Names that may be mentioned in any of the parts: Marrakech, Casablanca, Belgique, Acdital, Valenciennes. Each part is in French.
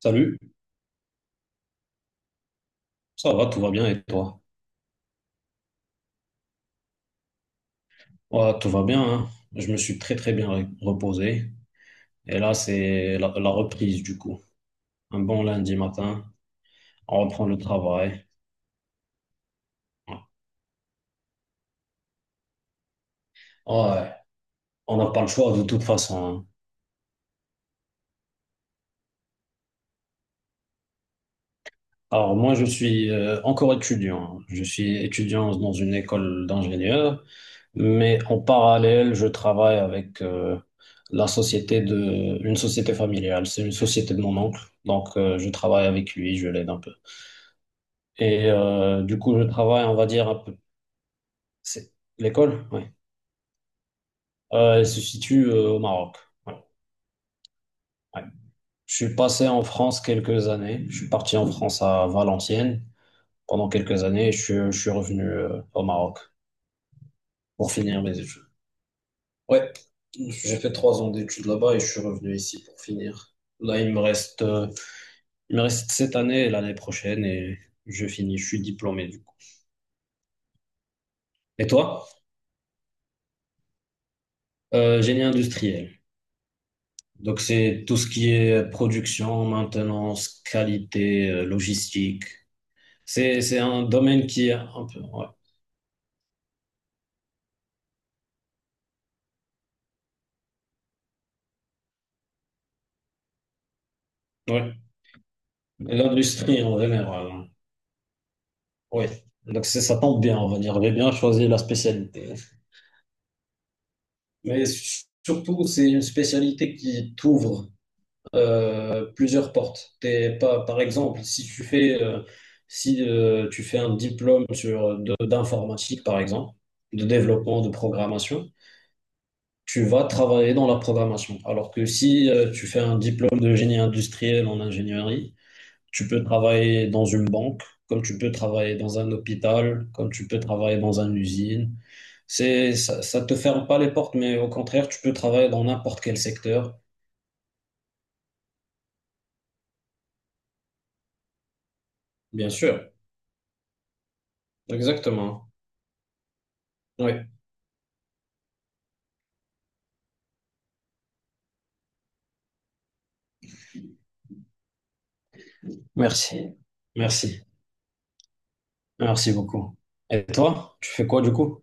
Salut, ça va, tout va bien et toi? Ouais, tout va bien, hein. Je me suis très très bien reposé. Et là, c'est la reprise du coup. Un bon lundi matin, on reprend le travail. Ouais, Ouais, on n'a pas le choix de toute façon, hein. Alors moi, je suis encore étudiant, hein. Je suis étudiant dans une école d'ingénieur, mais en parallèle, je travaille avec une société familiale. C'est une société de mon oncle, donc je travaille avec lui, je l'aide un peu. Et du coup, le travail, on va dire un peu, c'est l'école, oui. Elle se situe au Maroc. Voilà, ouais. Je suis passé en France quelques années. Je suis parti en France à Valenciennes pendant quelques années, et je suis revenu au Maroc pour finir mes études. Ouais, j'ai fait trois ans d'études là-bas et je suis revenu ici pour finir. Là, il me reste cette année et l'année prochaine et je finis. Je suis diplômé du coup. Et toi? Génie industriel. Donc, c'est tout ce qui est production, maintenance, qualité, logistique. C'est un domaine qui est un peu, ouais. Ouais. Et l'industrie en général, hein. Ouais. Donc, c'est- ça tombe bien, on va dire. J'ai bien choisi la spécialité. Mais surtout, c'est une spécialité qui t'ouvre plusieurs portes. T'es pas, par exemple, si tu fais, si, tu fais un diplôme sur, d'informatique, par exemple, de développement, de programmation, tu vas travailler dans la programmation. Alors que si tu fais un diplôme de génie industriel en ingénierie, tu peux travailler dans une banque, comme tu peux travailler dans un hôpital, comme tu peux travailler dans une usine. C'est, ça te ferme pas les portes, mais au contraire, tu peux travailler dans n'importe quel secteur. Bien sûr, exactement. Oui, merci. Merci. Merci beaucoup. Et toi, tu fais quoi du coup?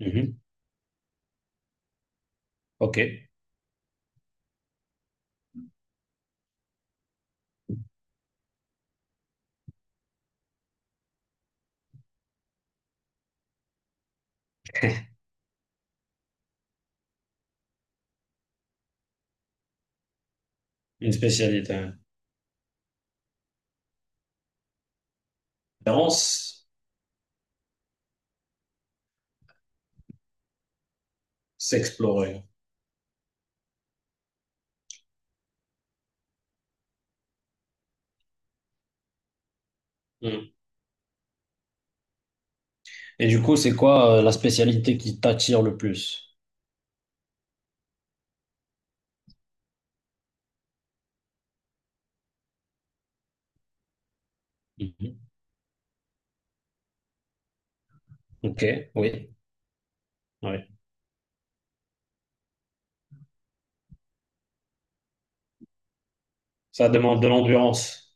Mhm. Ok, une spécialité. Préférence, s'explorer. Hmm. Et du coup, c'est quoi la spécialité qui t'attire le plus? Mhm. Ok, oui. Ouais. Ça demande de l'endurance.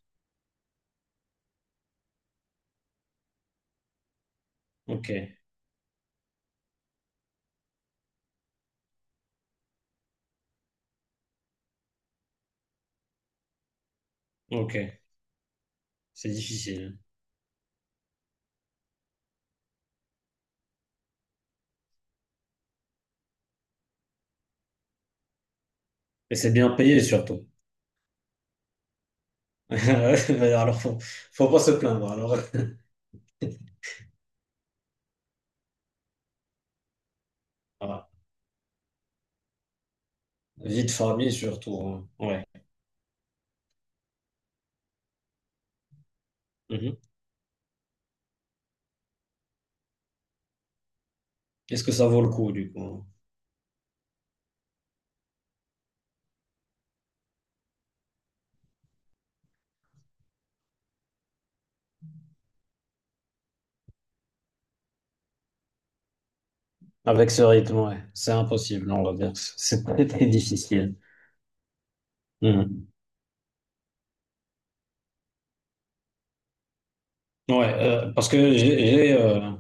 Ok, ok. C'est difficile. Et c'est bien payé surtout. Alors, faut pas se plaindre. Alors, voilà. Vie de famille surtout, hein. Ouais. Mhm. Est-ce que ça vaut le coup du coup? Avec ce rythme, ouais. C'est impossible, on va dire. C'est très, très difficile. Mhm. Ouais, parce que j'ai,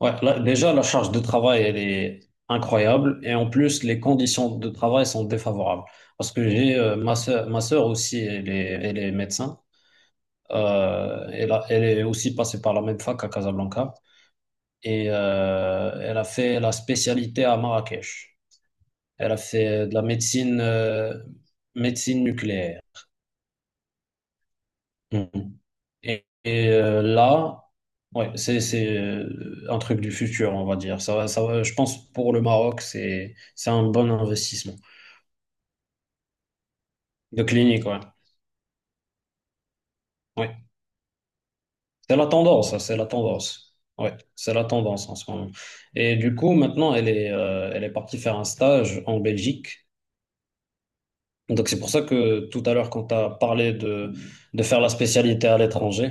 ouais, là, déjà, la charge de travail, elle est incroyable. Et en plus, les conditions de travail sont défavorables. Parce que j'ai ma sœur aussi, elle est médecin. Elle est aussi passée par la même fac à Casablanca. Et elle a fait la spécialité à Marrakech. Elle a fait de la médecine, médecine nucléaire. Mhm. Et, là, ouais, c'est, un truc du futur, on va dire. Je pense pour le Maroc, c'est un bon investissement de clinique, ouais. Ouais. C'est la tendance, ça, c'est la tendance. Ouais, c'est la tendance en ce moment. Et du coup, maintenant, elle est partie faire un stage en Belgique. Donc c'est pour ça que tout à l'heure, quand tu as parlé de faire la spécialité à l'étranger,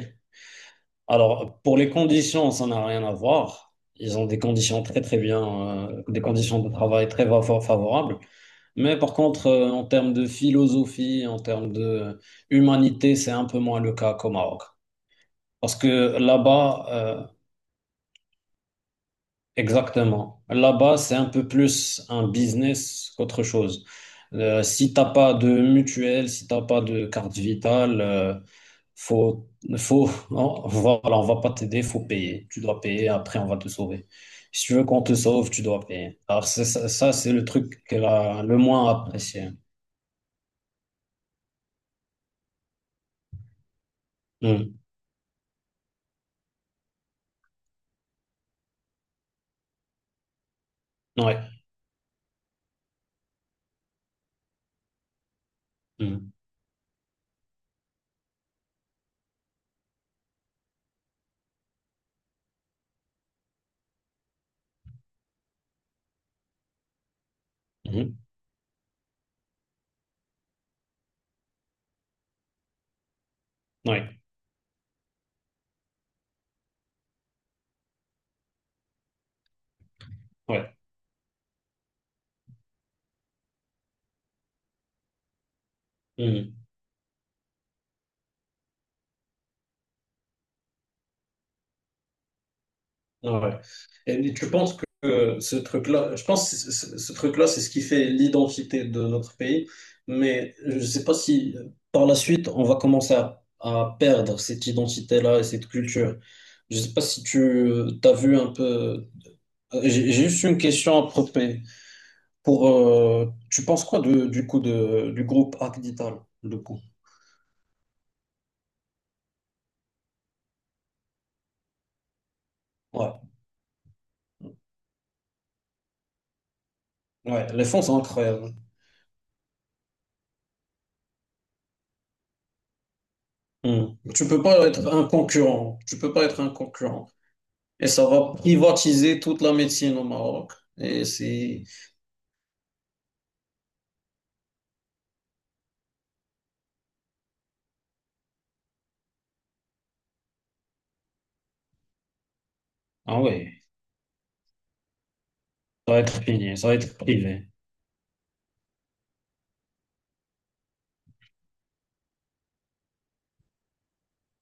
alors, pour les conditions, ça n'a rien à voir. Ils ont des conditions très très bien, des conditions de travail favorables. Mais par contre, en termes de philosophie, en termes de humanité, c'est un peu moins le cas qu'au Maroc. Parce que là-bas, exactement. Là-bas, c'est un peu plus un business qu'autre chose. Si t'as pas de mutuelle, si t'as pas de carte vitale, faut, non, voilà, on va pas t'aider, faut payer. Tu dois payer, après on va te sauver. Si tu veux qu'on te sauve, tu dois payer. Alors c'est ça, ça, c'est le truc qu'elle a le moins apprécié. Mm. Ouais. Mm. Mhm. Ouais. Ouais. Mm. Ouais. Et tu penses que ce truc-là, je pense que ce truc-là, c'est ce qui fait l'identité de notre pays, mais je ne sais pas si par la suite, on va commencer à perdre cette identité-là et cette culture. Je ne sais pas si tu as vu un peu... j'ai juste une question à propos. Pour, tu penses quoi de, du groupe Acdital, le coup? Ouais, ouais, les fonds sont incroyables. Hmm. Tu peux pas être un concurrent. Tu peux pas être un concurrent. Et ça va privatiser toute la médecine au Maroc. Et c'est... Ah ouais, ça va être fini, ça va être privé.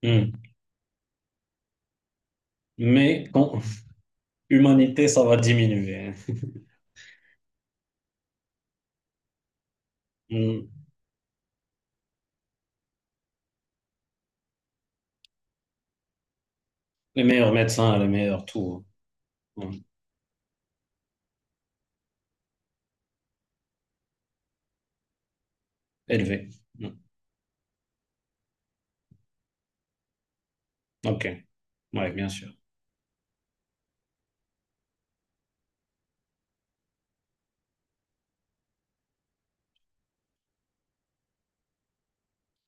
Hmm. Mais quand humanité, ça va diminuer, hein. Hmm. Les meilleurs médecins, les meilleurs tout, hein. Hmm. Élevé. Hmm. Ok, ouais, bien sûr.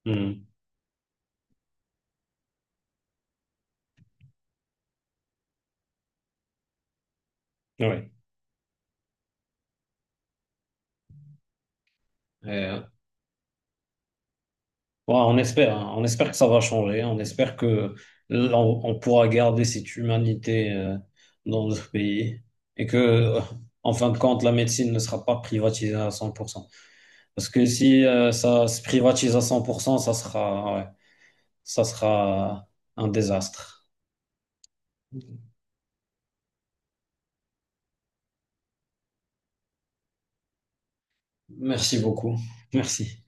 Hmm. Ouais. Ouais, on espère, hein. On espère que ça va changer, hein. On espère que là, on pourra garder cette humanité dans notre pays et que, en fin de compte, la médecine ne sera pas privatisée à 100%. Parce que si ça se privatise à 100%, ça sera, ouais, ça sera un désastre. Merci beaucoup. Merci.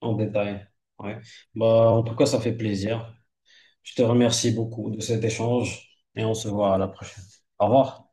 En détail. Ouais. Bah, en tout cas, ça fait plaisir. Je te remercie beaucoup de cet échange et on se voit à la prochaine. Au revoir.